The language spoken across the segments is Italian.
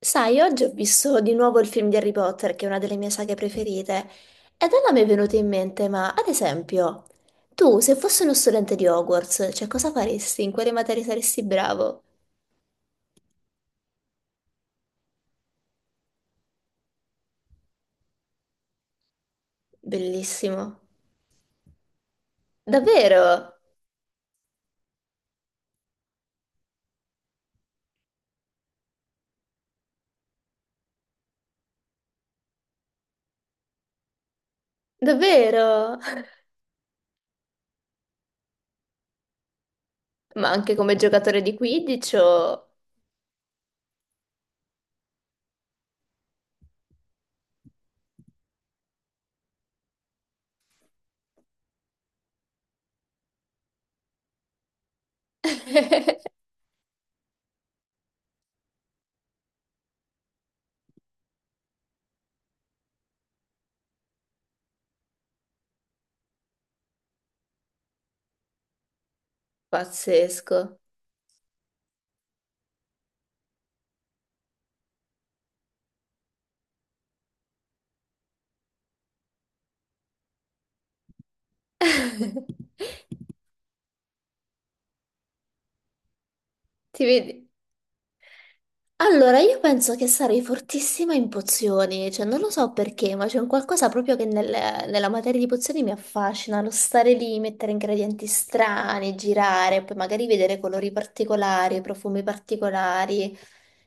Sai, oggi ho visto di nuovo il film di Harry Potter, che è una delle mie saghe preferite, ed allora mi è venuto in mente, ma ad esempio, tu se fossi uno studente di Hogwarts, cioè cosa faresti? In quale materia saresti bravo? Bellissimo. Davvero? Davvero? Ma anche come giocatore di Quidditch o. Pazzesco. Ti vedi? Allora, io penso che sarei fortissima in pozioni, cioè non lo so perché, ma c'è un qualcosa proprio che nella materia di pozioni mi affascina, lo stare lì, mettere ingredienti strani, girare, poi magari vedere colori particolari, profumi particolari,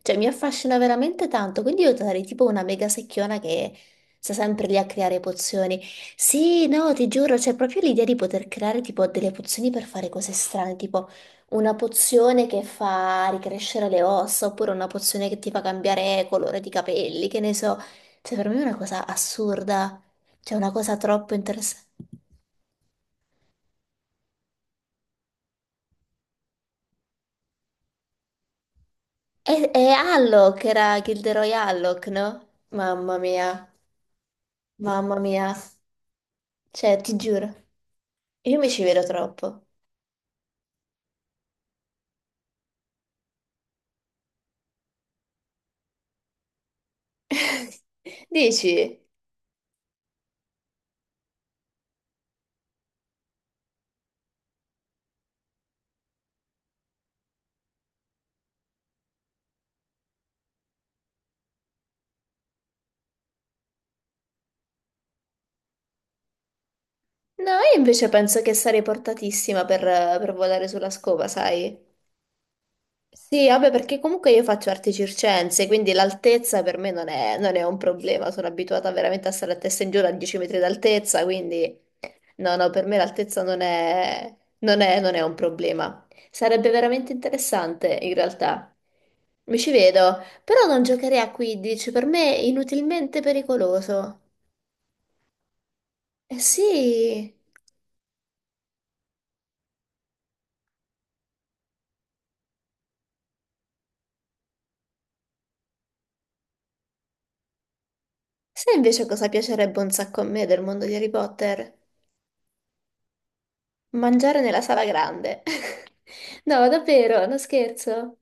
cioè mi affascina veramente tanto, quindi io sarei tipo una mega secchiona che sta sempre lì a creare pozioni. Sì, no, ti giuro, c'è proprio l'idea di poter creare tipo delle pozioni per fare cose strane, tipo. Una pozione che fa ricrescere le ossa, oppure una pozione che ti fa cambiare colore di capelli, che ne so. Cioè, per me è una cosa assurda, cioè una cosa troppo interessante. E Alloc era Gilderoy Alloc, no? Mamma mia, mamma mia. Cioè, ti giuro, io mi ci vedo troppo. Dici? No, io invece penso che sarei portatissima per volare sulla scopa, sai? Sì, vabbè, perché comunque io faccio arti circense, quindi l'altezza per me non è un problema. Sono abituata veramente a stare a testa in giù a 10 metri d'altezza, quindi no, no, per me l'altezza non è un problema. Sarebbe veramente interessante, in realtà. Mi ci vedo, però non giocherei a 15, per me è inutilmente pericoloso. Eh sì, sai invece cosa piacerebbe un sacco a me del mondo di Harry Potter? Mangiare nella sala grande. No, davvero, non scherzo.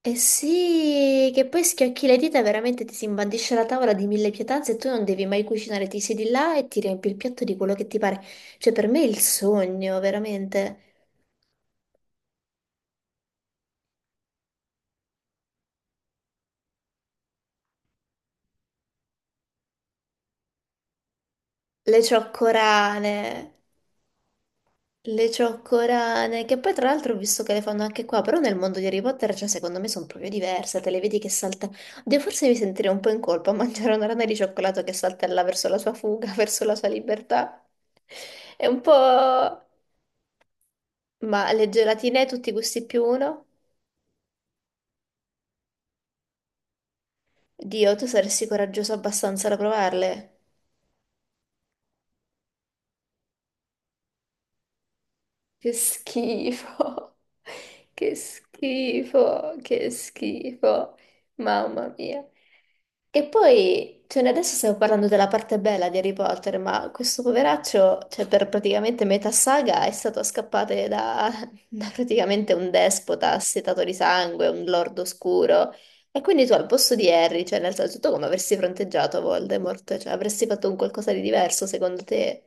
Eh sì, che poi schiocchi le dita e veramente ti si imbandisce la tavola di mille pietanze e tu non devi mai cucinare, ti siedi là e ti riempi il piatto di quello che ti pare. Cioè, per me è il sogno, veramente. Le cioccorane. Le cioccorane, che poi tra l'altro ho visto che le fanno anche qua, però nel mondo di Harry Potter, cioè secondo me sono proprio diverse, te le vedi che salta. Oddio, forse mi sentirei un po' in colpa a mangiare una rana di cioccolato che saltella verso la sua fuga, verso la sua libertà. È un po'. Ma le gelatine, tutti gusti più uno? Dio, tu saresti coraggioso abbastanza da provarle? Che schifo, che schifo, mamma mia. E poi, cioè, noi adesso stiamo parlando della parte bella di Harry Potter, ma questo poveraccio, cioè, per praticamente metà saga è stato scappato da, da praticamente un despota assetato di sangue, un lord oscuro. E quindi tu al posto di Harry, cioè, nel senso, tu come avresti fronteggiato Voldemort? Cioè, avresti fatto un qualcosa di diverso, secondo te?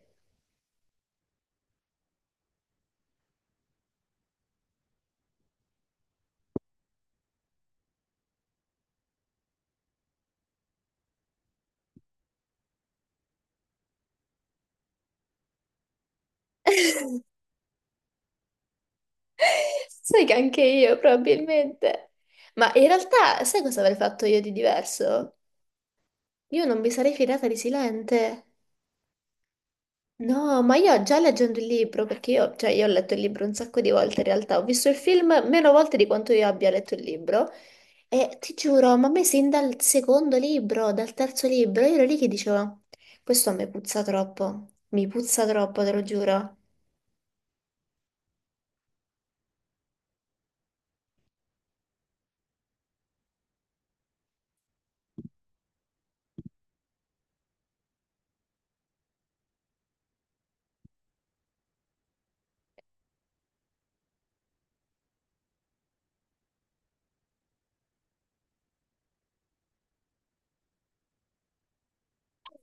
Sai che anche io, probabilmente. Ma in realtà, sai cosa avrei fatto io di diverso? Io non mi sarei fidata di Silente. No, ma io già leggendo il libro, perché io, cioè, io ho letto il libro un sacco di volte in realtà, ho visto il film meno volte di quanto io abbia letto il libro, e ti giuro, ma a me sin dal secondo libro, dal terzo libro, io ero lì che dicevo, questo a me puzza troppo, mi puzza troppo, te lo giuro.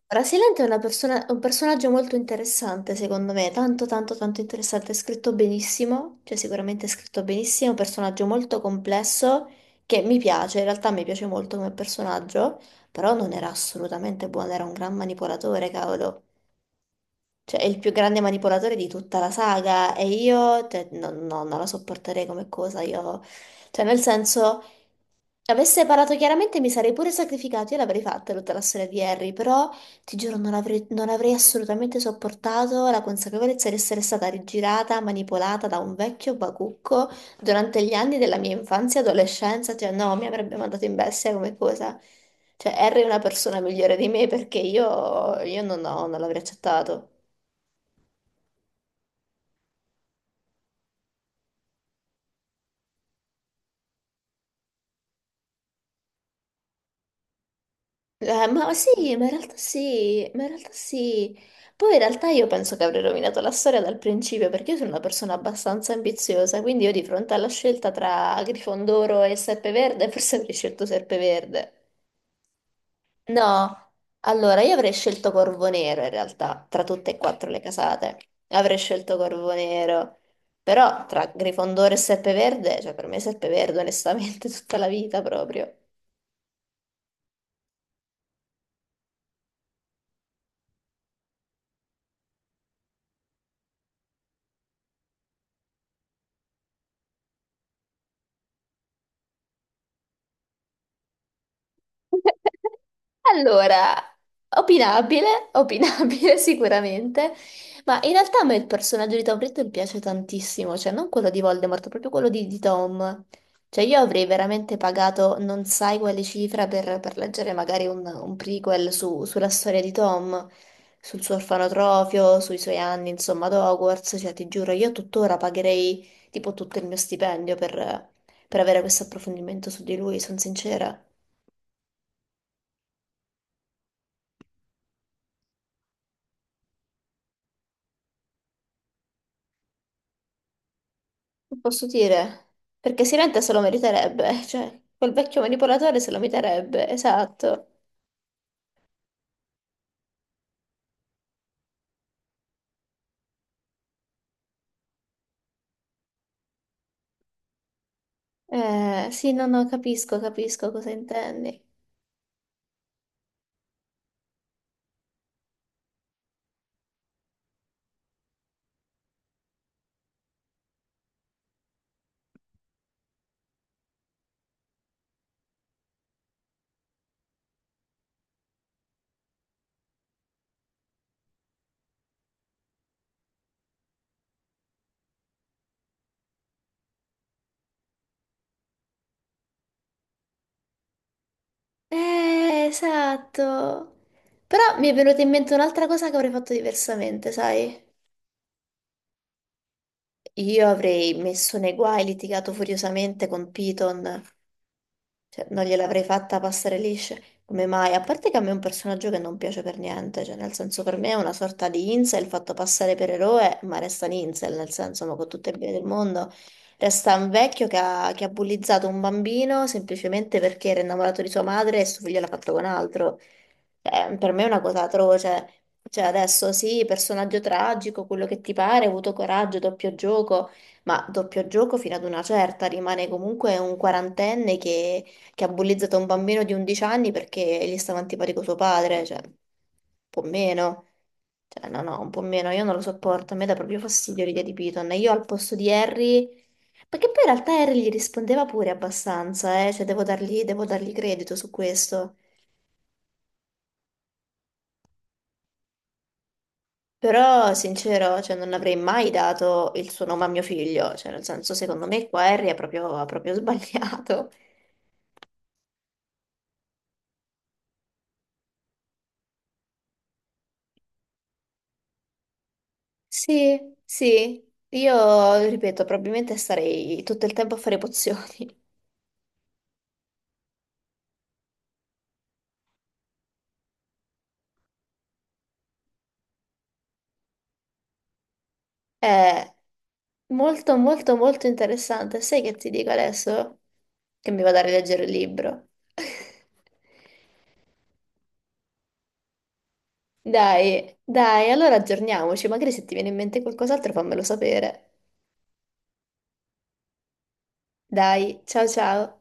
Ora, Silente è un personaggio molto interessante, secondo me, tanto tanto tanto interessante, è scritto benissimo, cioè sicuramente è scritto benissimo, è un personaggio molto complesso che mi piace, in realtà mi piace molto come personaggio, però non era assolutamente buono, era un gran manipolatore, cavolo. Cioè, è il più grande manipolatore di tutta la saga e io, cioè, no, no, non la sopporterei come cosa, io. Cioè, nel senso. Avesse parlato chiaramente mi sarei pure sacrificato, io l'avrei fatta tutta la storia di Harry, però ti giuro non avrei assolutamente sopportato la consapevolezza di essere stata rigirata, manipolata da un vecchio bacucco durante gli anni della mia infanzia e adolescenza, cioè no, mi avrebbe mandato in bestia come cosa. Cioè Harry è una persona migliore di me perché io non l'avrei accettato. Ma sì, ma in realtà sì, ma in realtà sì. Poi in realtà io penso che avrei rovinato la storia dal principio perché io sono una persona abbastanza ambiziosa, quindi io di fronte alla scelta tra Grifondoro e Serpeverde forse avrei scelto Serpeverde. No, allora io avrei scelto Corvo Nero in realtà, tra tutte e quattro le casate. Avrei scelto Corvo Nero, però tra Grifondoro e Serpeverde, cioè per me Serpeverde onestamente tutta la vita proprio. Allora, opinabile, opinabile sicuramente, ma in realtà a me il personaggio di Tom Riddle piace tantissimo, cioè non quello di Voldemort, proprio quello di Tom. Cioè io avrei veramente pagato non sai quale cifra per, leggere magari un prequel sulla storia di Tom, sul suo orfanotrofio, sui suoi anni, insomma, ad Hogwarts, cioè ti giuro, io tuttora pagherei tipo tutto il mio stipendio per avere questo approfondimento su di lui, sono sincera. Che posso dire, perché Silente se lo meriterebbe, cioè quel vecchio manipolatore se lo meriterebbe, esatto. Sì, no, no, capisco cosa intendi. Esatto. Però mi è venuta in mente un'altra cosa che avrei fatto diversamente, sai? Io avrei messo nei guai, litigato furiosamente con Piton. Cioè, non gliel'avrei fatta passare liscia. Come mai? A parte che a me è un personaggio che non piace per niente, cioè nel senso per me è una sorta di incel fatto passare per eroe, ma resta un incel, nel senso, ma con tutte le bene del mondo, resta un vecchio che ha, bullizzato un bambino semplicemente perché era innamorato di sua madre e suo figlio l'ha fatto con altro. Per me è una cosa atroce. Cioè adesso sì, personaggio tragico, quello che ti pare, ha avuto coraggio, doppio gioco, ma doppio gioco fino ad una certa, rimane comunque un quarantenne che ha bullizzato un bambino di 11 anni perché gli stava antipatico suo padre, cioè, un po' meno. Cioè, no, no, un po' meno, io non lo sopporto, a me dà proprio fastidio l'idea di Piton. E io al posto di Harry, perché poi in realtà Harry gli rispondeva pure abbastanza, cioè devo dargli, credito su questo. Però, sincero, cioè, non avrei mai dato il suo nome a mio figlio, cioè, nel senso, secondo me qua Harry ha proprio sbagliato. Sì, sì, io ripeto, probabilmente starei tutto il tempo a fare pozioni. È molto, molto, molto interessante. Sai che ti dico adesso? Che mi vado a rileggere il libro. Dai, dai, allora aggiorniamoci. Magari se ti viene in mente qualcos'altro fammelo sapere. Dai, ciao ciao.